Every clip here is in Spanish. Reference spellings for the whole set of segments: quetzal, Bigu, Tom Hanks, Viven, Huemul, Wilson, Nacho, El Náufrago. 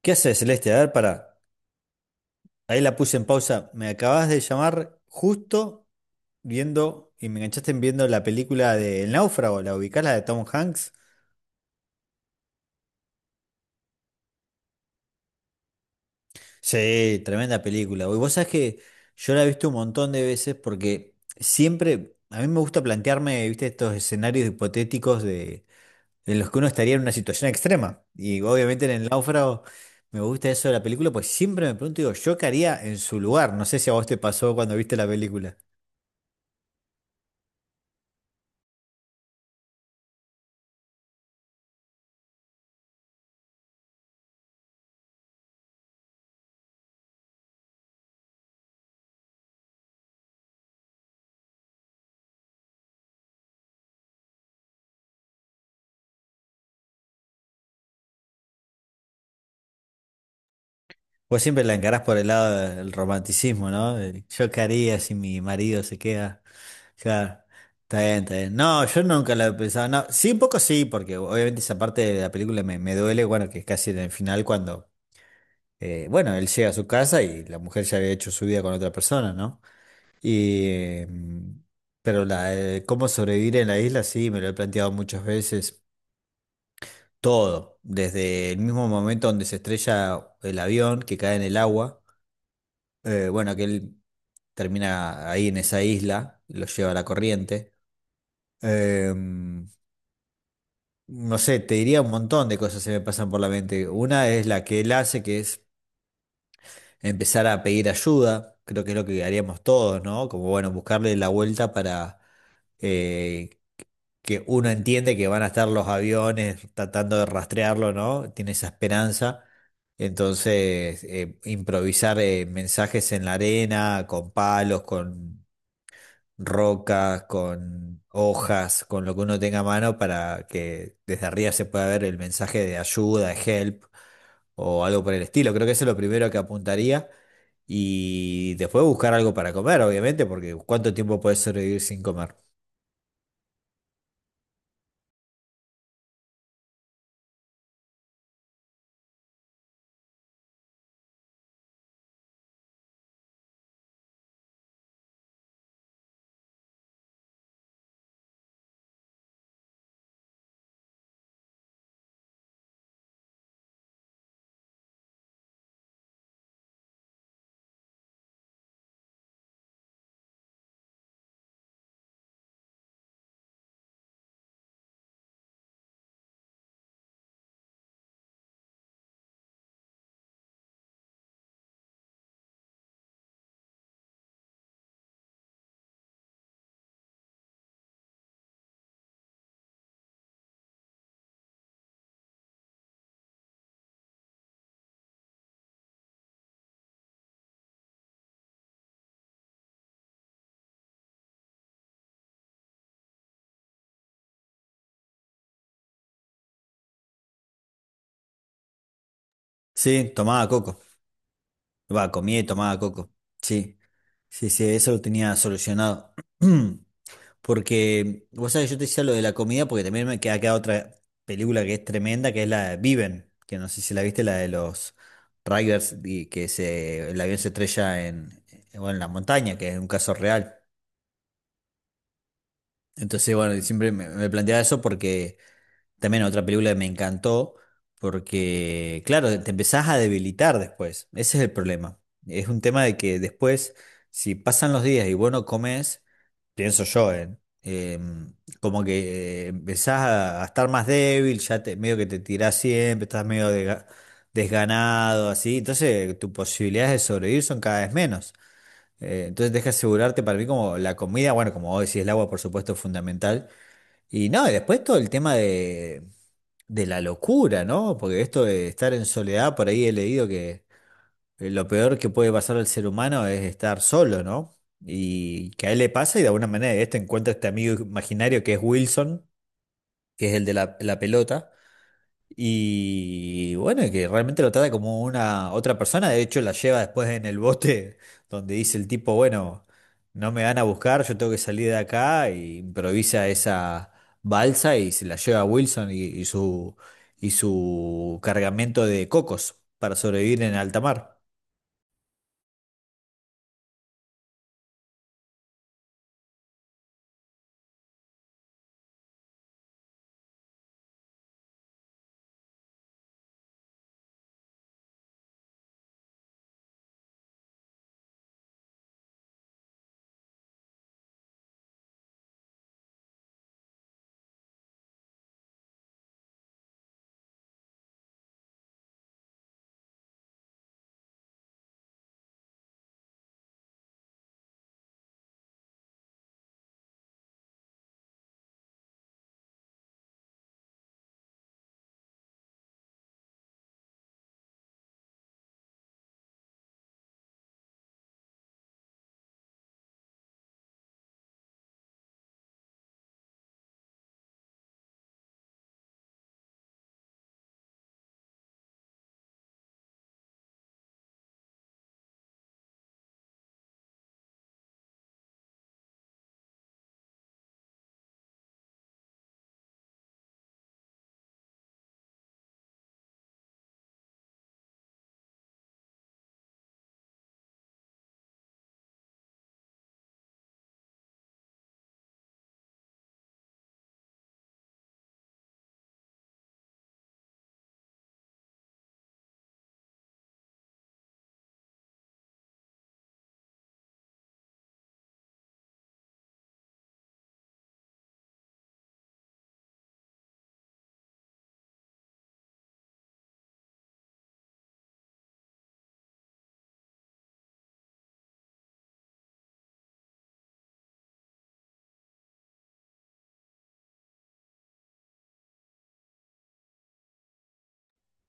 ¿Qué haces, Celeste? A ver, para. Ahí la puse en pausa. Me acabas de llamar justo viendo y me enganchaste en viendo la película de El Náufrago, la ubicás, la de Tom Hanks. Sí, tremenda película. Y vos sabés que yo la he visto un montón de veces porque siempre a mí me gusta plantearme, viste, estos escenarios hipotéticos de, en los que uno estaría en una situación extrema. Y obviamente en El Náufrago me gusta eso de la película, pues siempre me pregunto, digo, ¿yo qué haría en su lugar? No sé si a vos te pasó cuando viste la película. Vos siempre la encarás por el lado del romanticismo, ¿no? Yo qué haría si mi marido se queda. Claro, está bien, está bien. No, yo nunca lo he pensado. No, sí, un poco sí, porque obviamente esa parte de la película me duele, bueno, que es casi en el final cuando, bueno, él llega a su casa y la mujer ya había hecho su vida con otra persona, ¿no? Y, pero cómo sobrevivir en la isla, sí, me lo he planteado muchas veces. Todo, desde el mismo momento donde se estrella el avión que cae en el agua. Bueno, que él termina ahí en esa isla, lo lleva a la corriente. Eh, no sé, te diría un montón de cosas que me pasan por la mente. Una es la que él hace, que es empezar a pedir ayuda. Creo que es lo que haríamos todos, ¿no? Como, bueno, buscarle la vuelta para eh, que uno entiende que van a estar los aviones tratando de rastrearlo, ¿no? Tiene esa esperanza. Entonces, improvisar mensajes en la arena, con palos, con rocas, con hojas, con lo que uno tenga a mano para que desde arriba se pueda ver el mensaje de ayuda, de help o algo por el estilo. Creo que eso es lo primero que apuntaría. Y después buscar algo para comer, obviamente, porque ¿cuánto tiempo puedes sobrevivir sin comer? Sí, tomaba coco. Va, comía y tomaba coco. Sí, sí, sí, eso lo tenía solucionado. Porque, vos sabés, yo te decía lo de la comida porque también me queda acá otra película que es tremenda, que es la de Viven, que no sé si la viste, la de los Riders, y que se, el avión se estrella en, bueno, en la montaña, que es un caso real. Entonces, bueno, siempre me planteaba eso porque también otra película que me encantó porque, claro, te empezás a debilitar después. Ese es el problema. Es un tema de que después, si pasan los días y vos no comes, pienso yo, Eh, Como que empezás a estar más débil, ya te, medio que te tirás siempre, estás medio desganado, así. Entonces, tus posibilidades de sobrevivir son cada vez menos. Entonces, deja asegurarte para mí como la comida, bueno, como vos decís, el agua, por supuesto, es fundamental y no, y después todo el tema de la locura, ¿no? Porque esto de estar en soledad, por ahí he leído que lo peor que puede pasar al ser humano es estar solo, ¿no? Y que a él le pasa y de alguna manera este encuentra este amigo imaginario que es Wilson, que es el de la pelota. Y bueno, que realmente lo trata como una otra persona, de hecho la lleva después en el bote donde dice el tipo, bueno, no me van a buscar, yo tengo que salir de acá, y improvisa esa balsa y se la lleva a Wilson y su cargamento de cocos para sobrevivir en alta mar.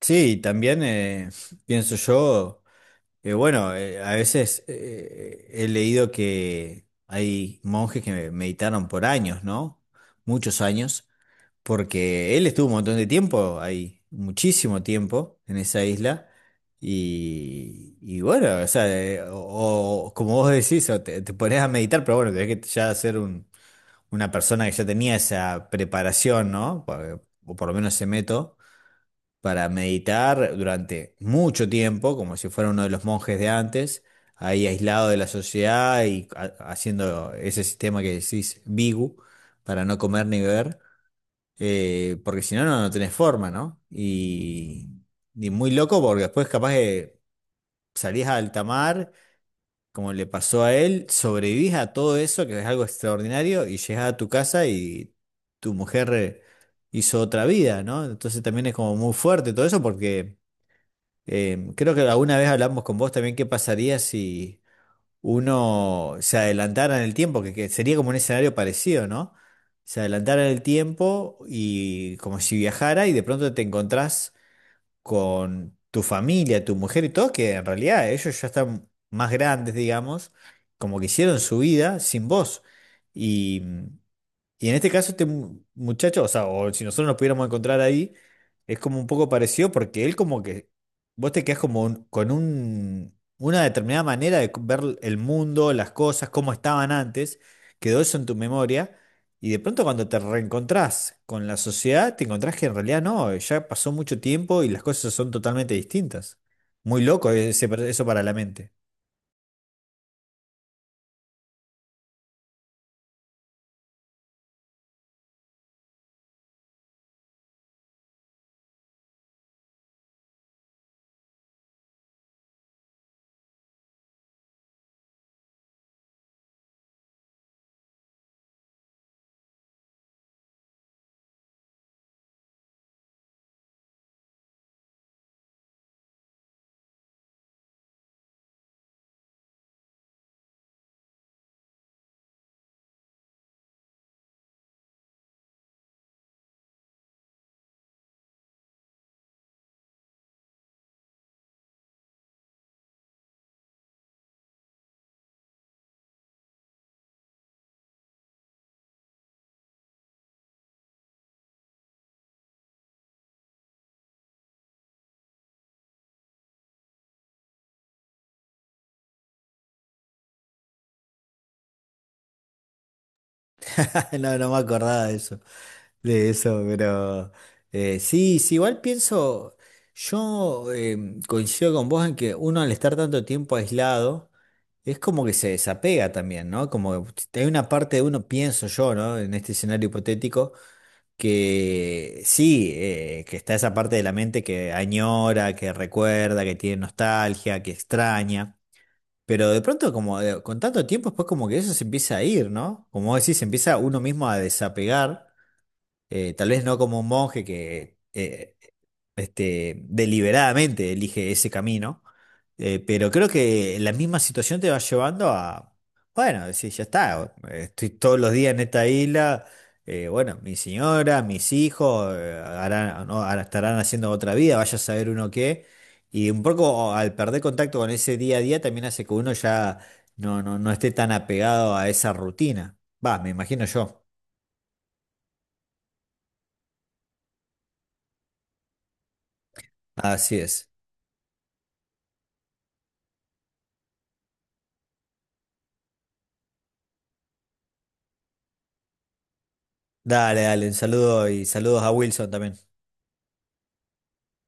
Sí, y también pienso yo, bueno, a veces he leído que hay monjes que meditaron por años, ¿no? Muchos años. Porque él estuvo un montón de tiempo ahí, muchísimo tiempo en esa isla. Y bueno, o sea, o como vos decís, o te pones a meditar, pero bueno, tenés que ya ser una persona que ya tenía esa preparación, ¿no? Pa- O por lo menos se meto, para meditar durante mucho tiempo, como si fuera uno de los monjes de antes, ahí aislado de la sociedad y haciendo ese sistema que decís, Bigu, para no comer ni beber. Porque si no, no, no tenés forma, ¿no? Y muy loco porque después capaz que salís a alta mar, como le pasó a él, sobrevivís a todo eso, que es algo extraordinario, y llegás a tu casa y tu mujer hizo otra vida, ¿no? Entonces también es como muy fuerte todo eso porque creo que alguna vez hablamos con vos también qué pasaría si uno se adelantara en el tiempo, que sería como un escenario parecido, ¿no? Se adelantara en el tiempo y como si viajara y de pronto te encontrás con tu familia, tu mujer y todo, que en realidad ellos ya están más grandes, digamos, como que hicieron su vida sin vos. Y y en este caso, este muchacho, o sea, o si nosotros nos pudiéramos encontrar ahí, es como un poco parecido porque él como que, vos te quedás como con un, una determinada manera de ver el mundo, las cosas, cómo estaban antes, quedó eso en tu memoria, y de pronto cuando te reencontrás con la sociedad, te encontrás que en realidad no, ya pasó mucho tiempo y las cosas son totalmente distintas. Muy loco eso para la mente. No, no me acordaba de eso. De eso, pero sí, sí, igual pienso, yo coincido con vos en que uno al estar tanto tiempo aislado, es como que se desapega también, ¿no? Como que hay una parte de uno, pienso yo, ¿no? En este escenario hipotético, que sí, que está esa parte de la mente que añora, que recuerda, que tiene nostalgia, que extraña. Pero de pronto, como con tanto tiempo, después como que eso se empieza a ir, ¿no? Como vos decís, se empieza uno mismo a desapegar. Tal vez no como un monje que deliberadamente elige ese camino, pero creo que la misma situación te va llevando a, bueno, decir, ya está, estoy todos los días en esta isla, bueno, mi señora, mis hijos, no, ahora estarán haciendo otra vida, vaya a saber uno qué, y un poco al perder contacto con ese día a día también hace que uno ya no, no, no esté tan apegado a esa rutina. Va, me imagino yo. Así es. Dale, dale, un saludo y saludos a Wilson también.